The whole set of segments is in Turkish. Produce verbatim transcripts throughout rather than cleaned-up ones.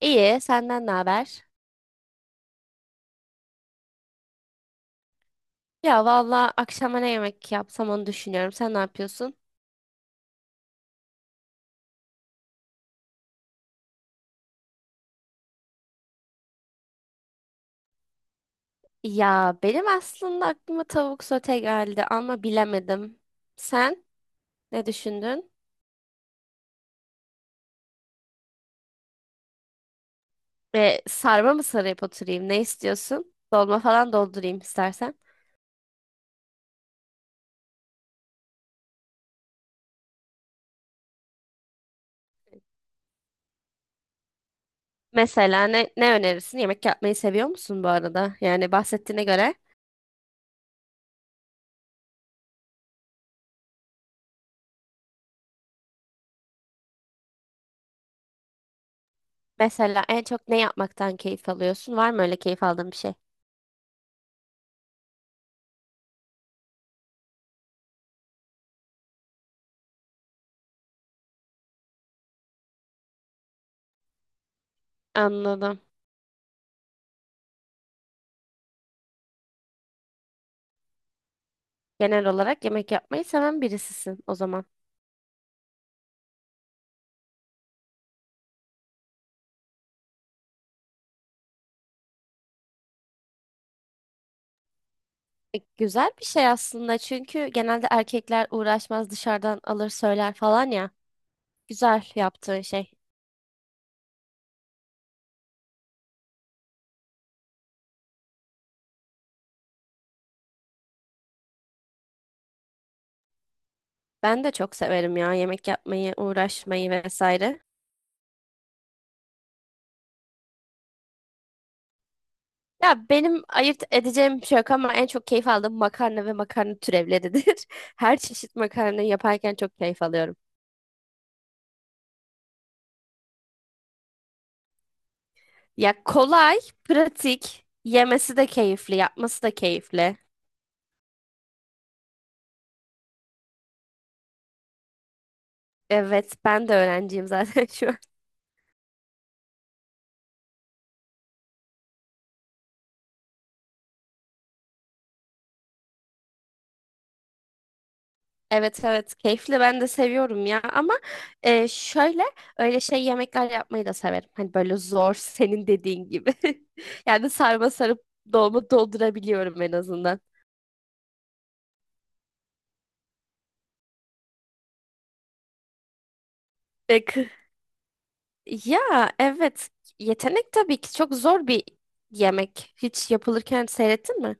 İyi, senden ne haber? Ya valla akşama ne yemek yapsam onu düşünüyorum. Sen ne yapıyorsun? Ya benim aslında aklıma tavuk sote geldi ama bilemedim. Sen ne düşündün? Ve sarma mı sarıp oturayım? Ne istiyorsun? Dolma falan doldurayım istersen. Mesela ne, ne önerirsin? Yemek yapmayı seviyor musun bu arada? Yani bahsettiğine göre. Mesela en çok ne yapmaktan keyif alıyorsun? Var mı öyle keyif aldığın bir şey? Anladım. Genel olarak yemek yapmayı seven birisisin o zaman. E, Güzel bir şey aslında çünkü genelde erkekler uğraşmaz dışarıdan alır söyler falan ya. Güzel yaptığın şey. Ben de çok severim ya yemek yapmayı, uğraşmayı vesaire. Ya benim ayırt edeceğim bir şey yok ama en çok keyif aldığım makarna ve makarna türevleridir. Her çeşit makarna yaparken çok keyif alıyorum. Ya kolay, pratik, yemesi de keyifli, yapması da keyifli. Evet, ben de öğrenciyim zaten şu an. Evet evet keyifli ben de seviyorum ya ama e, şöyle öyle şey yemekler yapmayı da severim. Hani böyle zor senin dediğin gibi. Yani sarma sarıp dolma doldurabiliyorum en azından. Peki. Ya evet yetenek tabii ki çok zor bir yemek. Hiç yapılırken seyrettin mi?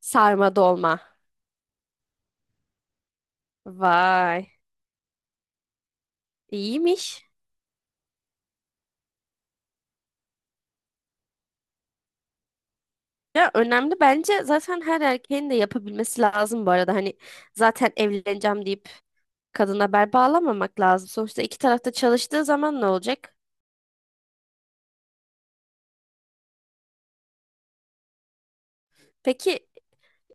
Sarma dolma. Vay iyiymiş. Ya önemli bence zaten her erkeğin de yapabilmesi lazım bu arada. Hani zaten evleneceğim deyip kadına bel bağlamamak lazım. Sonuçta iki tarafta çalıştığı zaman ne olacak? Peki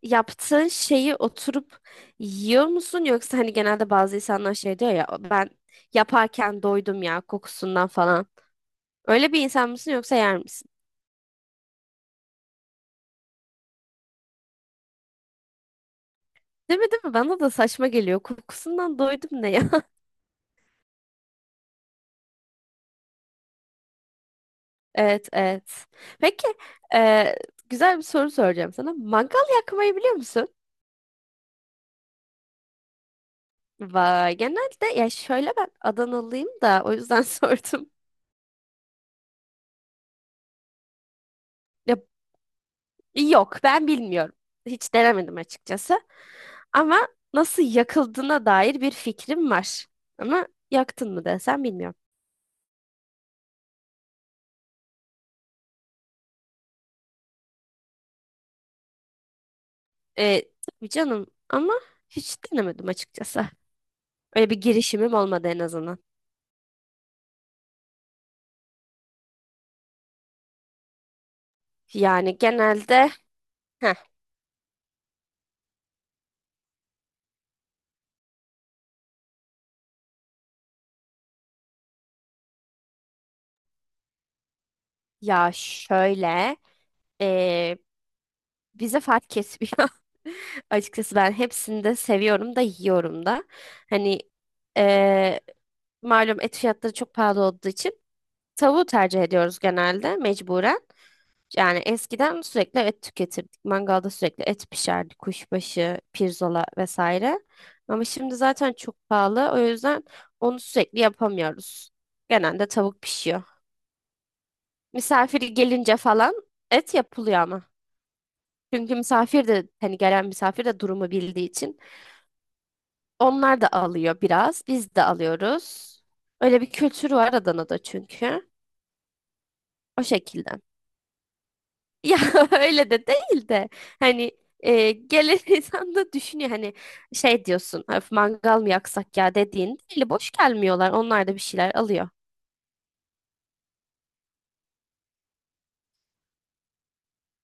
yaptığın şeyi oturup yiyor musun? Yoksa hani genelde bazı insanlar şey diyor ya ben yaparken doydum ya kokusundan falan. Öyle bir insan mısın yoksa yer misin? Değil mi değil mi? Bana da saçma geliyor. Kokusundan doydum ne ya? Evet evet. Peki e, güzel bir soru soracağım sana. Mangal yakmayı biliyor musun? Vay genelde ya şöyle ben Adanalıyım da o yüzden sordum. Ya yok, ben bilmiyorum. Hiç denemedim açıkçası. Ama nasıl yakıldığına dair bir fikrim var. Ama yaktın mı desem bilmiyorum. Ee, tabii canım ama hiç denemedim açıkçası. Öyle bir girişimim olmadı en azından. Yani genelde heh, ya şöyle ee, bize fark kesmiyor. Açıkçası ben hepsini de seviyorum da yiyorum da. Hani ee, malum et fiyatları çok pahalı olduğu için tavuğu tercih ediyoruz genelde mecburen. Yani eskiden sürekli et tüketirdik. Mangalda sürekli et pişerdi. Kuşbaşı, pirzola vesaire. Ama şimdi zaten çok pahalı. O yüzden onu sürekli yapamıyoruz. Genelde tavuk pişiyor. Misafir gelince falan et yapılıyor ama. Çünkü misafir de hani gelen misafir de durumu bildiği için onlar da alıyor biraz. Biz de alıyoruz. Öyle bir kültür var Adana'da çünkü. O şekilde. Ya öyle de değil de hani e, gelen insan da düşünüyor hani şey diyorsun, "Öf, mangal mı yaksak ya," dediğin eli boş gelmiyorlar onlar da bir şeyler alıyor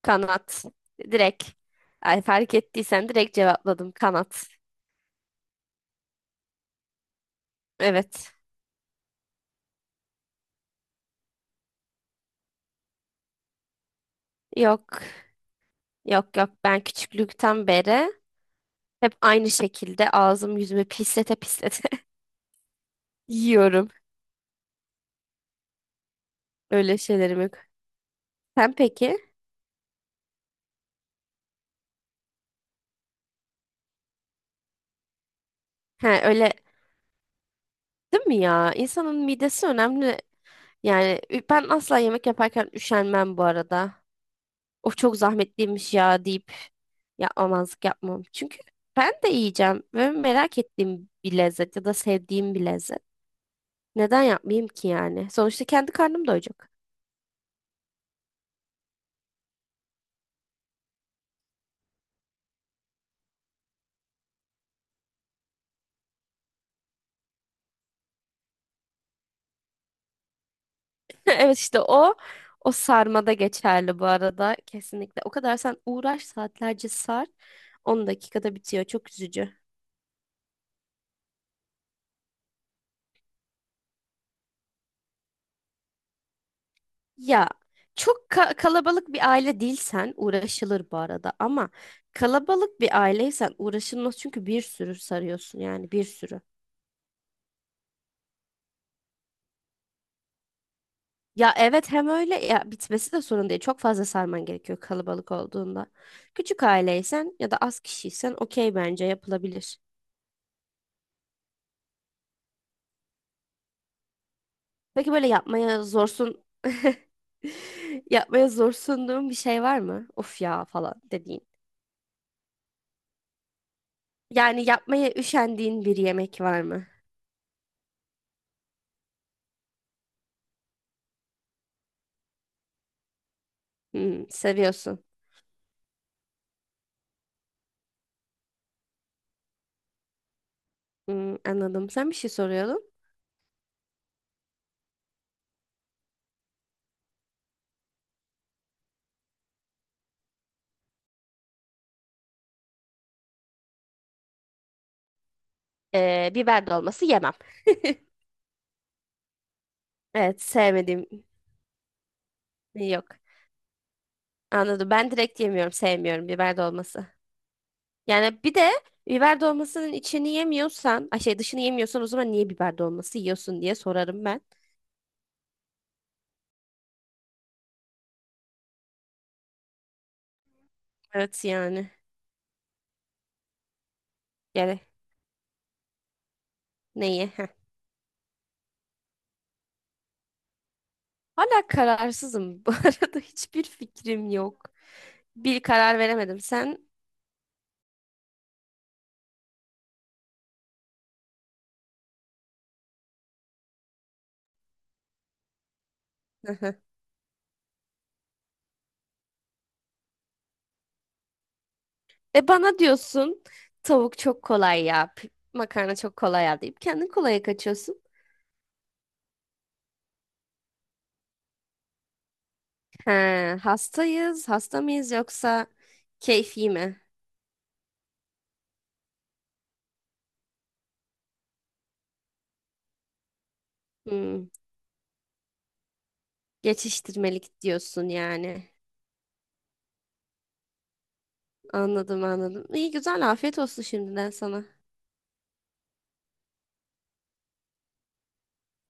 kanat direkt ay, fark ettiysen direkt cevapladım kanat evet yok yok yok ben küçüklükten beri hep aynı şekilde ağzım yüzümü pislete pislete yiyorum öyle şeylerimi sen peki ha öyle değil mi ya. İnsanın midesi önemli. Yani ü- ben asla yemek yaparken üşenmem bu arada. Of çok zahmetliymiş ya deyip yapmamazlık yapmam. Çünkü ben de yiyeceğim ve merak ettiğim bir lezzet ya da sevdiğim bir lezzet. Neden yapmayayım ki yani? Sonuçta kendi karnım doyacak. Evet işte o o sarmada geçerli bu arada kesinlikle. O kadar sen uğraş saatlerce sar on dakikada bitiyor. Çok üzücü. Ya çok ka- kalabalık bir aile değilsen uğraşılır bu arada ama kalabalık bir aileysen uğraşılmaz çünkü bir sürü sarıyorsun yani bir sürü. Ya evet hem öyle ya bitmesi de sorun değil. Çok fazla sarman gerekiyor kalabalık olduğunda. Küçük aileysen ya da az kişiysen okey bence yapılabilir. Peki böyle yapmaya zorsun yapmaya zorsunduğun bir şey var mı? Of ya falan dediğin. Yani yapmaya üşendiğin bir yemek var mı? Hmm, seviyorsun. Hmm, anladım. Sen bir şey soruyordun. Ee, biber dolması yemem. Evet, sevmediğim yok. Anladım. Ben direkt yemiyorum. Sevmiyorum biber dolması. Yani bir de biber dolmasının içini yemiyorsan, ay şey dışını yemiyorsan o zaman niye biber dolması yiyorsun diye sorarım ben. Evet yani. Yani neyi? Heh. Hala kararsızım. Bu arada hiçbir fikrim yok. Bir karar veremedim. Sen? Hı hı. E bana diyorsun tavuk çok kolay ya. p- Makarna çok kolay ya deyip kendin kolaya kaçıyorsun. He, hastayız, hasta mıyız yoksa keyfi mi? Hmm, geçiştirmelik diyorsun yani. Anladım anladım. İyi güzel afiyet olsun şimdiden sana.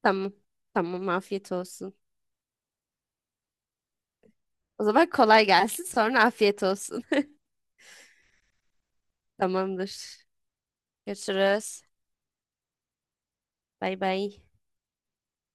Tamam. Tamam afiyet olsun. O zaman kolay gelsin sonra afiyet olsun. Tamamdır. Görüşürüz. Bay bay.